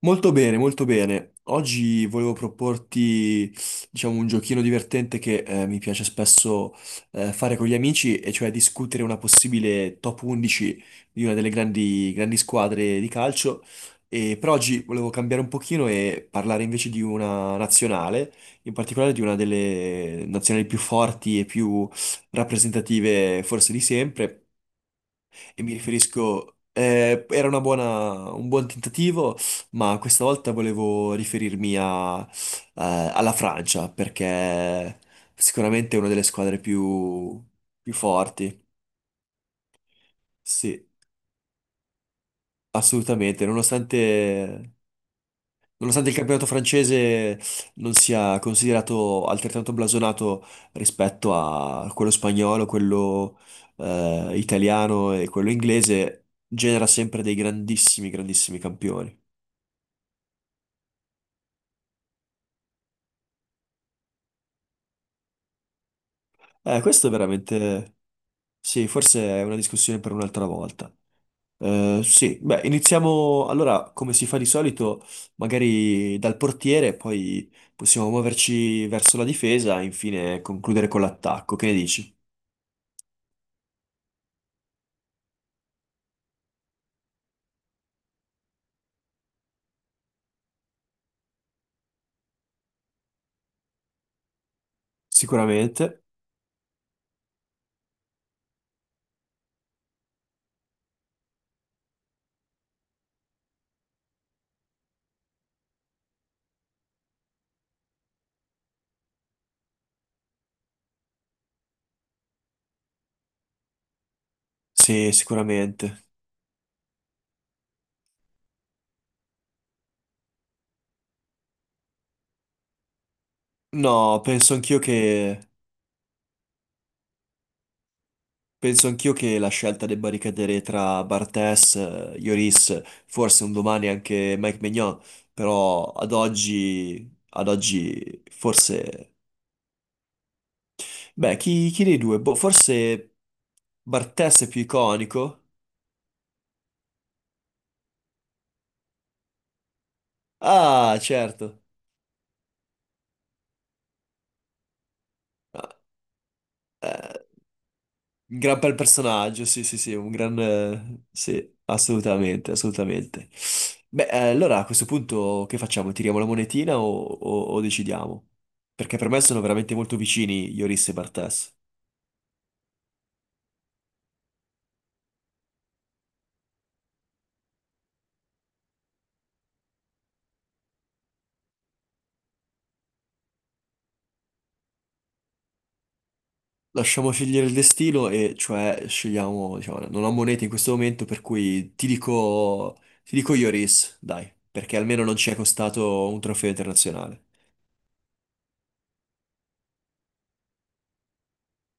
Molto bene, molto bene. Oggi volevo proporti, diciamo, un giochino divertente che mi piace spesso fare con gli amici, e cioè discutere una possibile top 11 di una delle grandi, grandi squadre di calcio. E per oggi volevo cambiare un pochino e parlare invece di una nazionale, in particolare di una delle nazionali più forti e più rappresentative forse di sempre. E mi riferisco, era una un buon tentativo, ma questa volta volevo riferirmi eh, alla Francia, perché sicuramente è una delle squadre più forti. Sì, assolutamente. Nonostante il campionato francese non sia considerato altrettanto blasonato rispetto a quello spagnolo, quello, italiano e quello inglese, genera sempre dei grandissimi, grandissimi campioni. Questo è veramente. Sì, forse è una discussione per un'altra volta. Sì, beh, iniziamo allora come si fa di solito, magari dal portiere, poi possiamo muoverci verso la difesa e infine concludere con l'attacco. Che ne dici? Sicuramente. Sì, sicuramente. No, penso anch'io che la scelta debba ricadere tra Bartes, Lloris, forse un domani anche Mike Maignan, però ad oggi forse. Beh, chi dei due? Boh, forse Bartes è più iconico? Ah, certo. Ah, eh, un gran bel personaggio, sì, sì, sì, sì, assolutamente, assolutamente. Beh, allora a questo punto che facciamo? Tiriamo la monetina o decidiamo? Perché per me sono veramente molto vicini Ioris e Bartes. Lasciamo scegliere il destino e cioè scegliamo, diciamo, non ho monete in questo momento, per cui ti dico Ioris, dai, perché almeno non ci è costato un trofeo internazionale.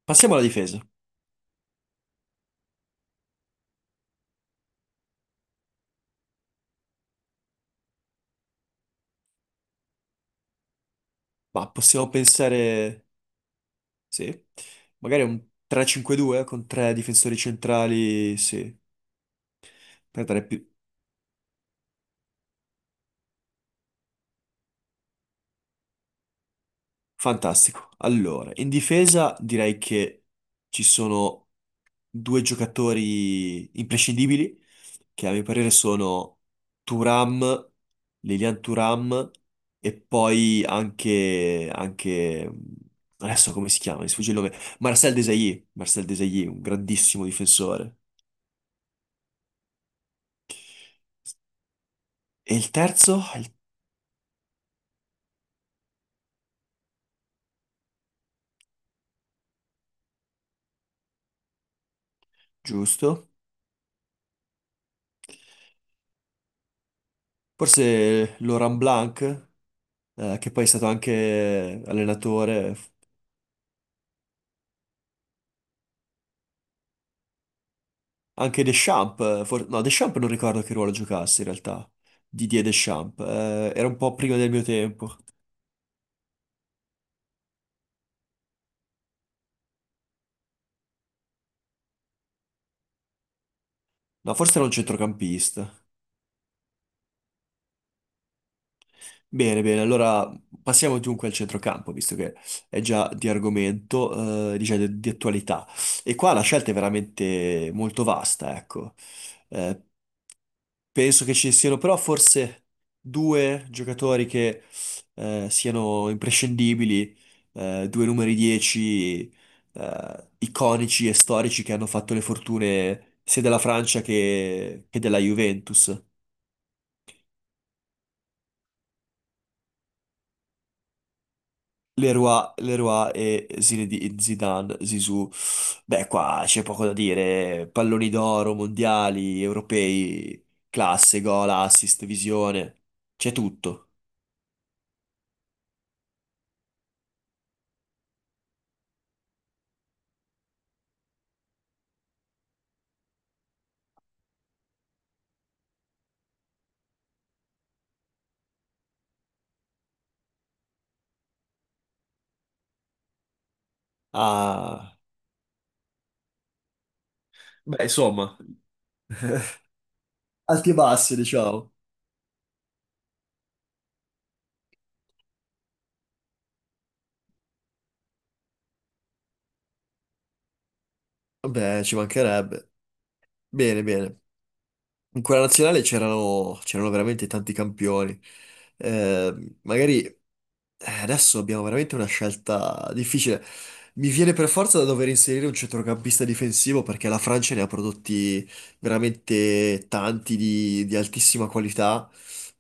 Passiamo alla difesa, ma possiamo pensare. Sì. Magari un 3-5-2 con tre difensori centrali, sì. Per dare più. Fantastico. Allora, in difesa direi che ci sono due giocatori imprescindibili, che a mio parere sono Turam, Lilian Turam, e poi anche. Adesso come si chiama? Mi sfugge il nome. Marcel Desailly. Marcel Desailly, un grandissimo difensore. E il terzo? Giusto. Forse Laurent Blanc, che poi è stato anche allenatore, anche Deschamps, no, Deschamps non ricordo che ruolo giocasse in realtà, Didier Deschamps, era un po' prima del mio tempo. No, forse era un centrocampista. Bene, bene, allora passiamo dunque al centrocampo, visto che è già di argomento, diciamo, di attualità. E qua la scelta è veramente molto vasta, ecco. Eh, Penso che ci siano però forse due giocatori che siano imprescindibili, due numeri 10 iconici e storici che hanno fatto le fortune sia della Francia che della Juventus. Leroy e Zidane, Zizou. Beh, qua c'è poco da dire. Palloni d'oro, mondiali, europei, classe, gol, assist, visione. C'è tutto. Ah, beh, insomma, alti e bassi, diciamo. Beh, ci mancherebbe. Bene, bene. In quella nazionale c'erano veramente tanti campioni. Magari Adesso abbiamo veramente una scelta difficile. Mi viene per forza da dover inserire un centrocampista difensivo perché la Francia ne ha prodotti veramente tanti di altissima qualità.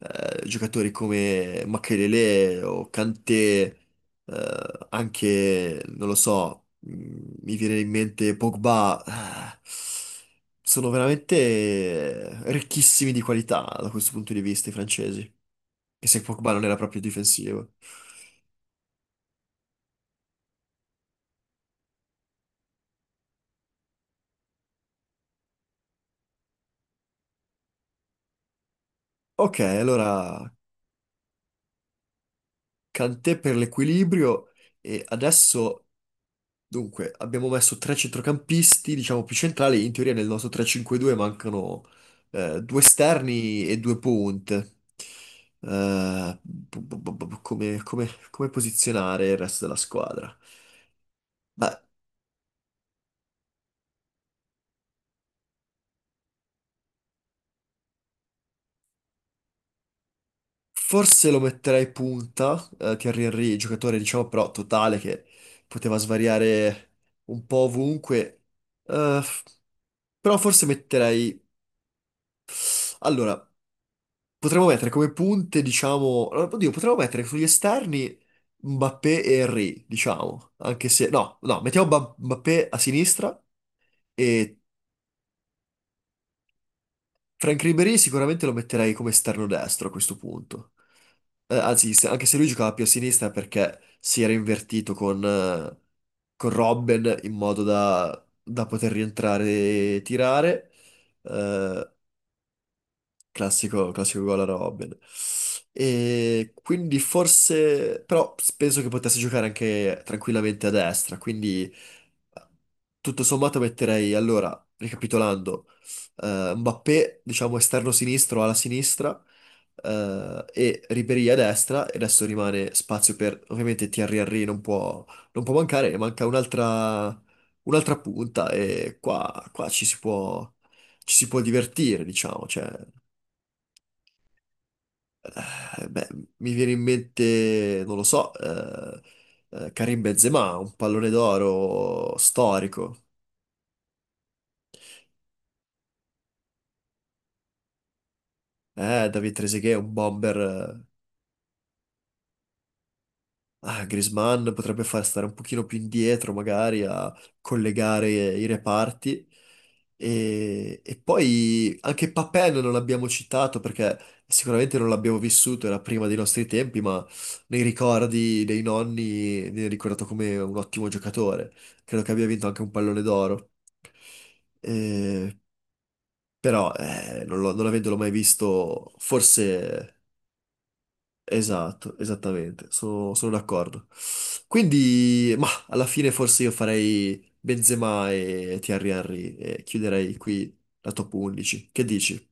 Giocatori come Makelele o Kanté, eh, anche, non lo so, mi viene in mente Pogba. Sono veramente ricchissimi di qualità da questo punto di vista i francesi. Che se Pogba non era proprio difensivo. Ok, allora Kanté per l'equilibrio e adesso, dunque, abbiamo messo tre centrocampisti, diciamo più centrali, in teoria nel nostro 3-5-2 mancano due esterni e due punte. Come posizionare il resto della squadra? Forse lo metterei punta, Thierry Henry, giocatore diciamo però totale che poteva svariare un po' ovunque. Eh, f- però forse metterei. Allora, potremmo mettere come punte, diciamo, allora, Oddio, potremmo mettere sugli esterni Mbappé e Henry, diciamo. Anche se. No, no, mettiamo Mbappé a sinistra e Frank Ribéry sicuramente lo metterei come esterno destro a questo punto. Anzi, anche se lui giocava più a sinistra perché si era invertito con Robben in modo da poter rientrare e tirare. Eh, Classico, classico gol a Robin. E quindi forse, però penso che potesse giocare anche tranquillamente a destra, quindi tutto sommato metterei, allora, ricapitolando, Mbappé, diciamo esterno sinistro alla sinistra, e Ribéry a destra, e adesso rimane spazio per, ovviamente Thierry Henry non può, mancare, e manca un'altra punta e qua ci si può divertire, diciamo, cioè. Beh, mi viene in mente, non lo so, Karim Benzema, un pallone d'oro storico. David Trezeguet, un bomber. Ah, Griezmann potrebbe far stare un pochino più indietro, magari a collegare i reparti. E poi anche Papin non l'abbiamo citato perché sicuramente non l'abbiamo vissuto, era prima dei nostri tempi, ma nei ricordi dei nonni viene ricordato come un ottimo giocatore. Credo che abbia vinto anche un pallone d'oro. Eh, Però non avendolo mai visto, forse. Esatto, esattamente, sono d'accordo. Quindi, ma alla fine forse io farei Benzema e Thierry Henry e chiuderei qui la top 11. Che dici?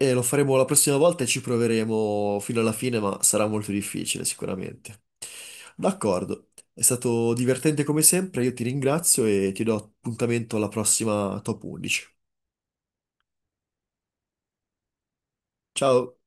E lo faremo la prossima volta e ci proveremo fino alla fine, ma sarà molto difficile sicuramente. D'accordo, è stato divertente come sempre, io ti ringrazio e ti do appuntamento alla prossima top 11. Ciao!